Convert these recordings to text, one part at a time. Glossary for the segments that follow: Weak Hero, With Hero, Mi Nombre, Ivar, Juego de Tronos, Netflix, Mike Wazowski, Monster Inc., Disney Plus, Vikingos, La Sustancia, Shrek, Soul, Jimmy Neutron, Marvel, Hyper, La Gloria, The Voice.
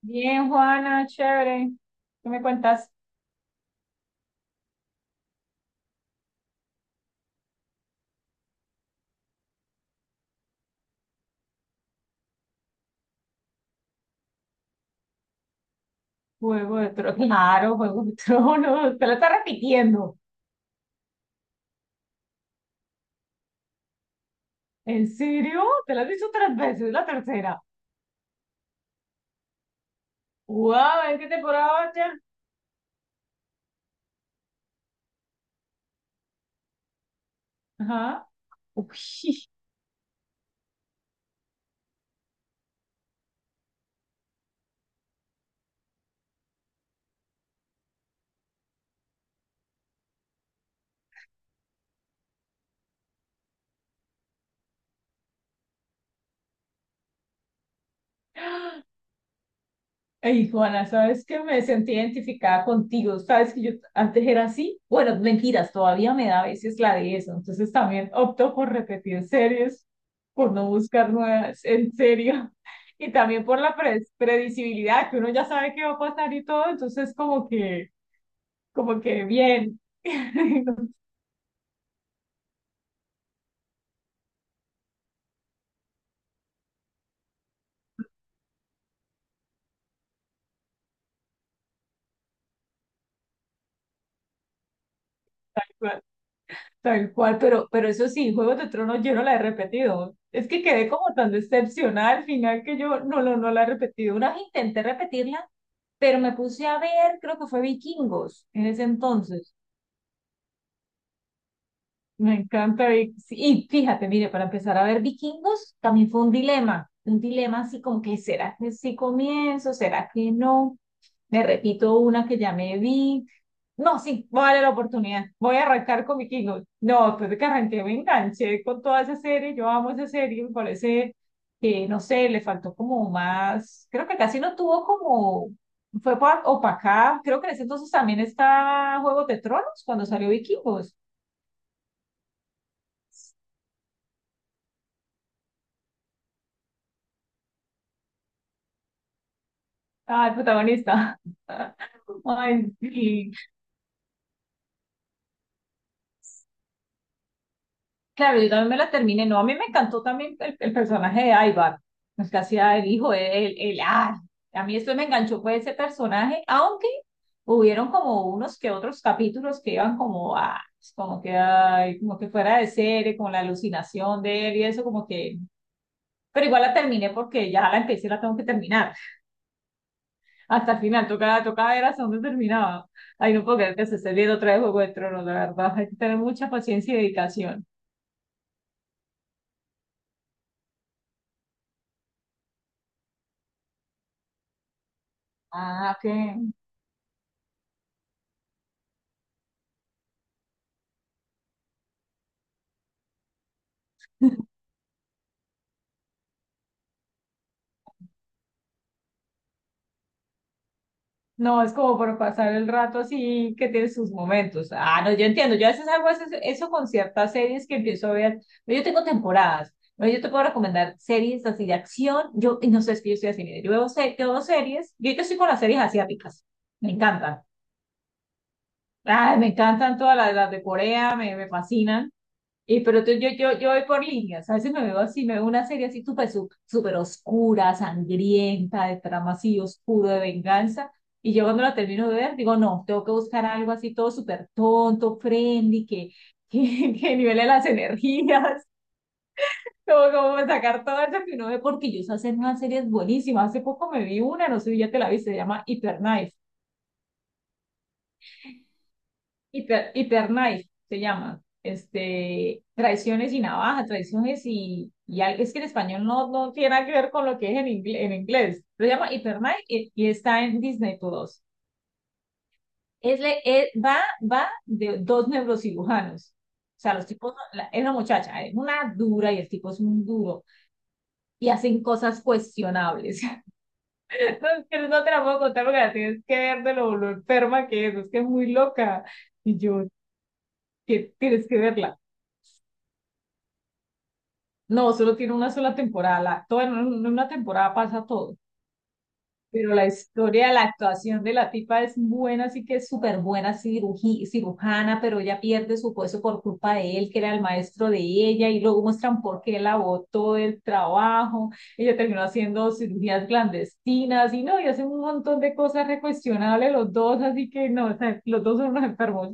Bien, Juana, chévere. ¿Qué me cuentas? Juego de Tronos. Claro, Juego de Tronos. Te la estás repitiendo. ¿En serio? Te la has visto 3 veces, la tercera. ¡Wow! ¿En qué temporada vas ya? Ajá. Uy. Ey, Juana, sabes que me sentí identificada contigo, sabes que yo antes era así, bueno, mentiras, todavía me da a veces la de eso, entonces también opto por repetir series, por no buscar nuevas, en serio, y también por la predecibilidad, que uno ya sabe qué va a pasar y todo, entonces como que bien, Tal cual, pero, eso sí, Juegos de Tronos yo no la he repetido. Es que quedé como tan decepcionada al final que yo no, no, la he repetido. Una vez intenté repetirla, pero me puse a ver, creo que fue Vikingos en ese entonces. Me encanta. Y, sí, y fíjate, mire, para empezar a ver vikingos, también fue un dilema así como que, ¿será que sí comienzo? ¿Será que no? Me repito una que ya me vi. No, sí, voy a darle la oportunidad. Voy a arrancar con vikingos. No, después de que arranqué me enganché con toda esa serie. Yo amo esa serie, me parece que, no sé, le faltó como más, creo que casi no tuvo como, fue opacada. Creo que en ese entonces también está Juego de Tronos cuando salió Vikingos. Ah, el protagonista. Ay, sí. Claro, yo también me la terminé. No, a mí me encantó también el personaje de Ivar. Es que hacía el hijo, el, ay, a mí esto me enganchó fue ese personaje, aunque hubieron como unos que otros capítulos que iban como a, como que, ay, como que fuera de serie, como la alucinación de él y eso, como que, pero igual la terminé porque ya la empecé y la tengo que terminar. Hasta el final, tocaba, tocaba, era hasta donde terminaba. Ay, no puedo creer que se esté viendo otra vez Juego de Tronos, la verdad. Hay que tener mucha paciencia y dedicación. Ah, ok. No, es como por pasar el rato así que tiene sus momentos. Ah, no, yo entiendo. Yo a veces hago eso, con ciertas series que empiezo a ver. Yo tengo temporadas. Bueno, yo te puedo recomendar series así de acción. Yo, y no sé, es que yo estoy así, mira, yo veo, yo veo series. Yo ahorita estoy con las series asiáticas. Me encantan. Ay, me encantan todas las de Corea, me fascinan. Y yo voy por líneas, a veces me veo así, me veo una serie así súper oscura, sangrienta, de trama así oscuro, de venganza, y yo cuando la termino de ver, digo, no, tengo que buscar algo así todo súper tonto, friendly, que que nivele las energías, como, sacar todo eso que uno ve, porque yo sé hacer unas series buenísimas, hace poco me vi una, no sé si ya te la viste, se llama Hiperknife se llama. Este, traiciones y navaja, traiciones y, es que en español no, tiene nada que ver con lo que es en, en inglés. Se llama Hyper y, está en Disney Plus. Es, va de 2 neurocirujanos. O sea, los tipos, es una muchacha, es una dura y el tipo es un duro y hacen cosas cuestionables. No, pero no te la puedo contar porque la tienes que ver de lo enferma que es que es muy loca. Y yo, que tienes que verla. No, solo tiene una sola temporada. Todo en en una temporada pasa todo. Pero la historia, la actuación de la tipa es buena, así que es súper buena cirujana, pero ella pierde su puesto por culpa de él, que era el maestro de ella, y luego muestran por qué la botó del trabajo. Ella terminó haciendo cirugías clandestinas y no, y hacen un montón de cosas recuestionables los dos, así que no, o sea, los dos son unos enfermos.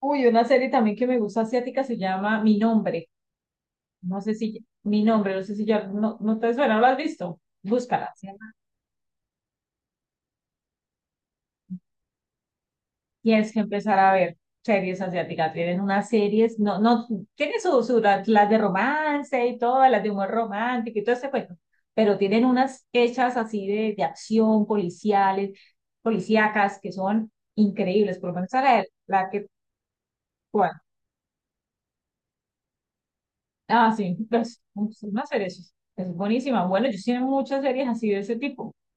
Uy, una serie también que me gusta asiática se llama Mi Nombre. No sé si mi nombre, no sé si ya no, te suena, no, ¿lo has visto? Búscala. Tienes que empezar a ver series asiáticas. Tienen unas series, no, tienen sus su, las de romance y todas, las de humor romántico y todo ese cuento, pero tienen unas hechas así de acción, policiales, policíacas, que son increíbles. Por lo menos a la, la que, bueno, ah, sí, pues, una serie, es buenísima. Bueno, yo sí veo muchas series así de ese tipo. O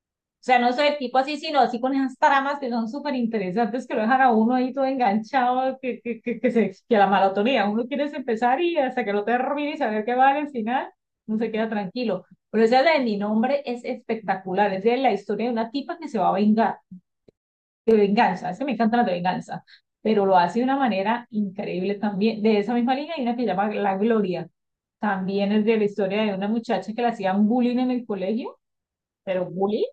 sea, no soy el tipo así, sino así con esas tramas que son súper interesantes, que lo dejan a uno ahí todo enganchado, que la maratonía, uno quiere empezar y hasta que no termine y saber qué va al final, no se queda tranquilo. Pero esa de mi nombre es espectacular, es de la historia de una tipa que se va a vengar, de venganza, es que me encanta la de venganza, pero lo hace de una manera increíble también. De esa misma línea hay una que se llama La Gloria, también es de la historia de una muchacha que le hacían bullying en el colegio, pero bullying.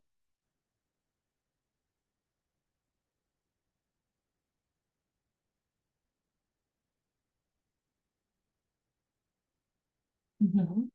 Ujú.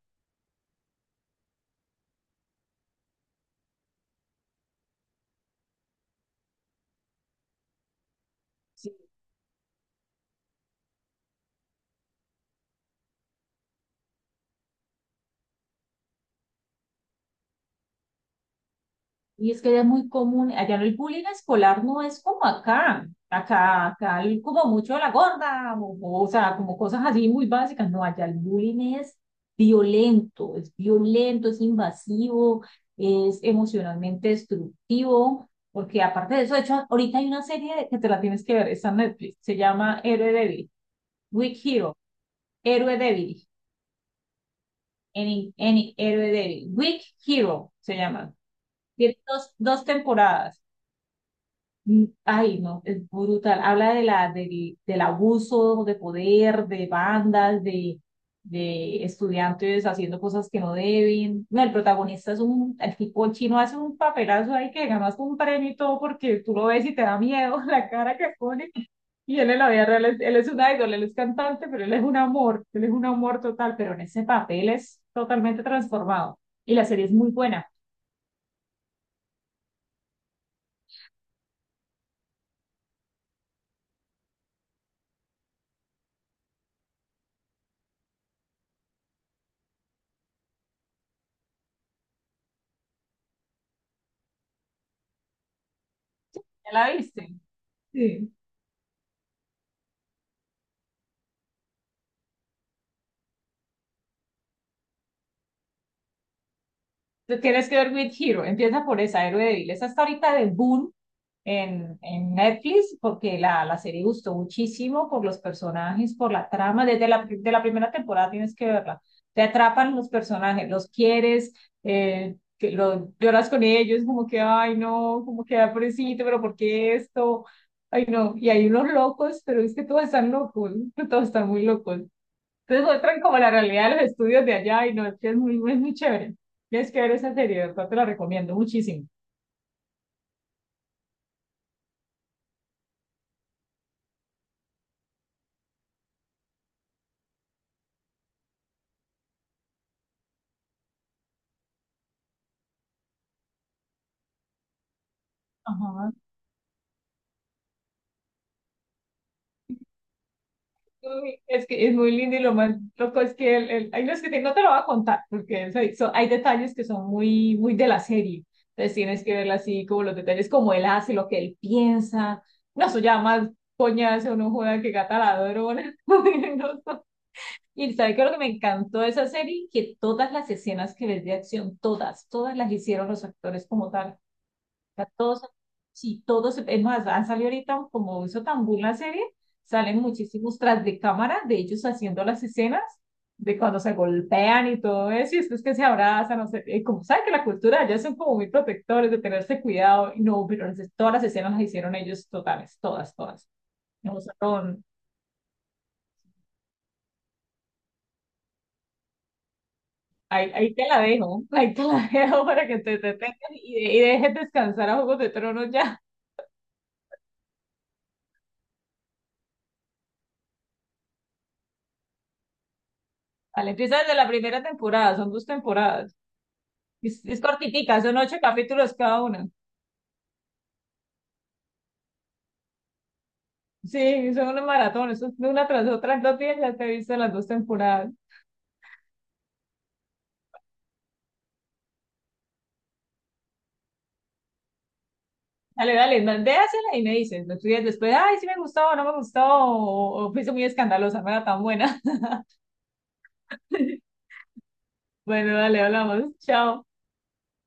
Y es que era muy común, allá el bullying escolar no es como acá, acá como mucho la gorda, o sea, como cosas así muy básicas, no, allá el bullying es violento, es violento, es invasivo, es emocionalmente destructivo, porque aparte de eso, de hecho, ahorita hay una serie que te la tienes que ver, está en Netflix, se llama Héroe Débil, Weak Hero, Héroe Débil, Héroe Débil, Weak Hero se llama, tiene dos, temporadas. Mm, ay, no, es brutal. Habla de del abuso de poder, de bandas, de estudiantes haciendo cosas que no deben. No, el protagonista es un, el tipo chino hace un papelazo ahí que ganas un premio y todo porque tú lo ves y te da miedo la cara que pone. Y él en la vida real, es, él es un idol, él es cantante, pero él es un amor, él es un amor total, pero en ese papel es totalmente transformado. Y la serie es muy buena. ¿Ya la viste? Sí. Tú tienes que ver With Hero, empieza por esa, Héroe Débil. Esa está ahorita de boom en Netflix porque la serie gustó muchísimo por los personajes, por la trama. Desde la primera temporada tienes que verla. Te atrapan los personajes, los quieres, lloras con ellos, como que, ay, no, como que, ah, pobrecito, pero ¿por qué esto? Ay, no. Y hay unos locos, pero es que todos están locos, todos están muy locos. Entonces muestran como la realidad de los estudios de allá y no, es que es muy, muy, muy chévere. Tienes que ver esa serie, de verdad te la recomiendo muchísimo. Ajá. Uy, es que es muy lindo y lo más loco es que hay unos no te lo voy a contar porque hay detalles que son muy, muy de la serie. Entonces tienes que verla así, como los detalles, como él hace, lo que él piensa. No, eso ya más coñazo, no juega que gata la ladrona. Y sabes qué es lo que me encantó de esa serie, que todas las escenas que ves de acción, todas, todas las hicieron los actores como tal. O sea, todos, sí, todos, es más, han salido ahorita, como hizo tan boom la serie, salen muchísimos tras de cámara de ellos haciendo las escenas, de cuando se golpean y todo eso, y después que se abrazan, no sé, como sabes que la cultura ya son como muy protectores de tenerse cuidado, y no, pero todas las escenas las hicieron ellos totales, todas, todas. No usaron. Ahí, ahí te la dejo, ahí te la dejo para que te tengas y, y dejes descansar a Juegos de Tronos ya. Vale, empieza desde la primera temporada, son 2 temporadas. Es cortitica, son 8 capítulos cada una. Sí, son unos maratones, son de una tras otra en 2 días ya te viste las 2 temporadas. Dale, dale, déjasela y me dices, me estudias después, ay, sí me gustó, o no me gustó, o fuiste muy escandalosa, no era tan buena. Bueno, dale, hablamos, chao.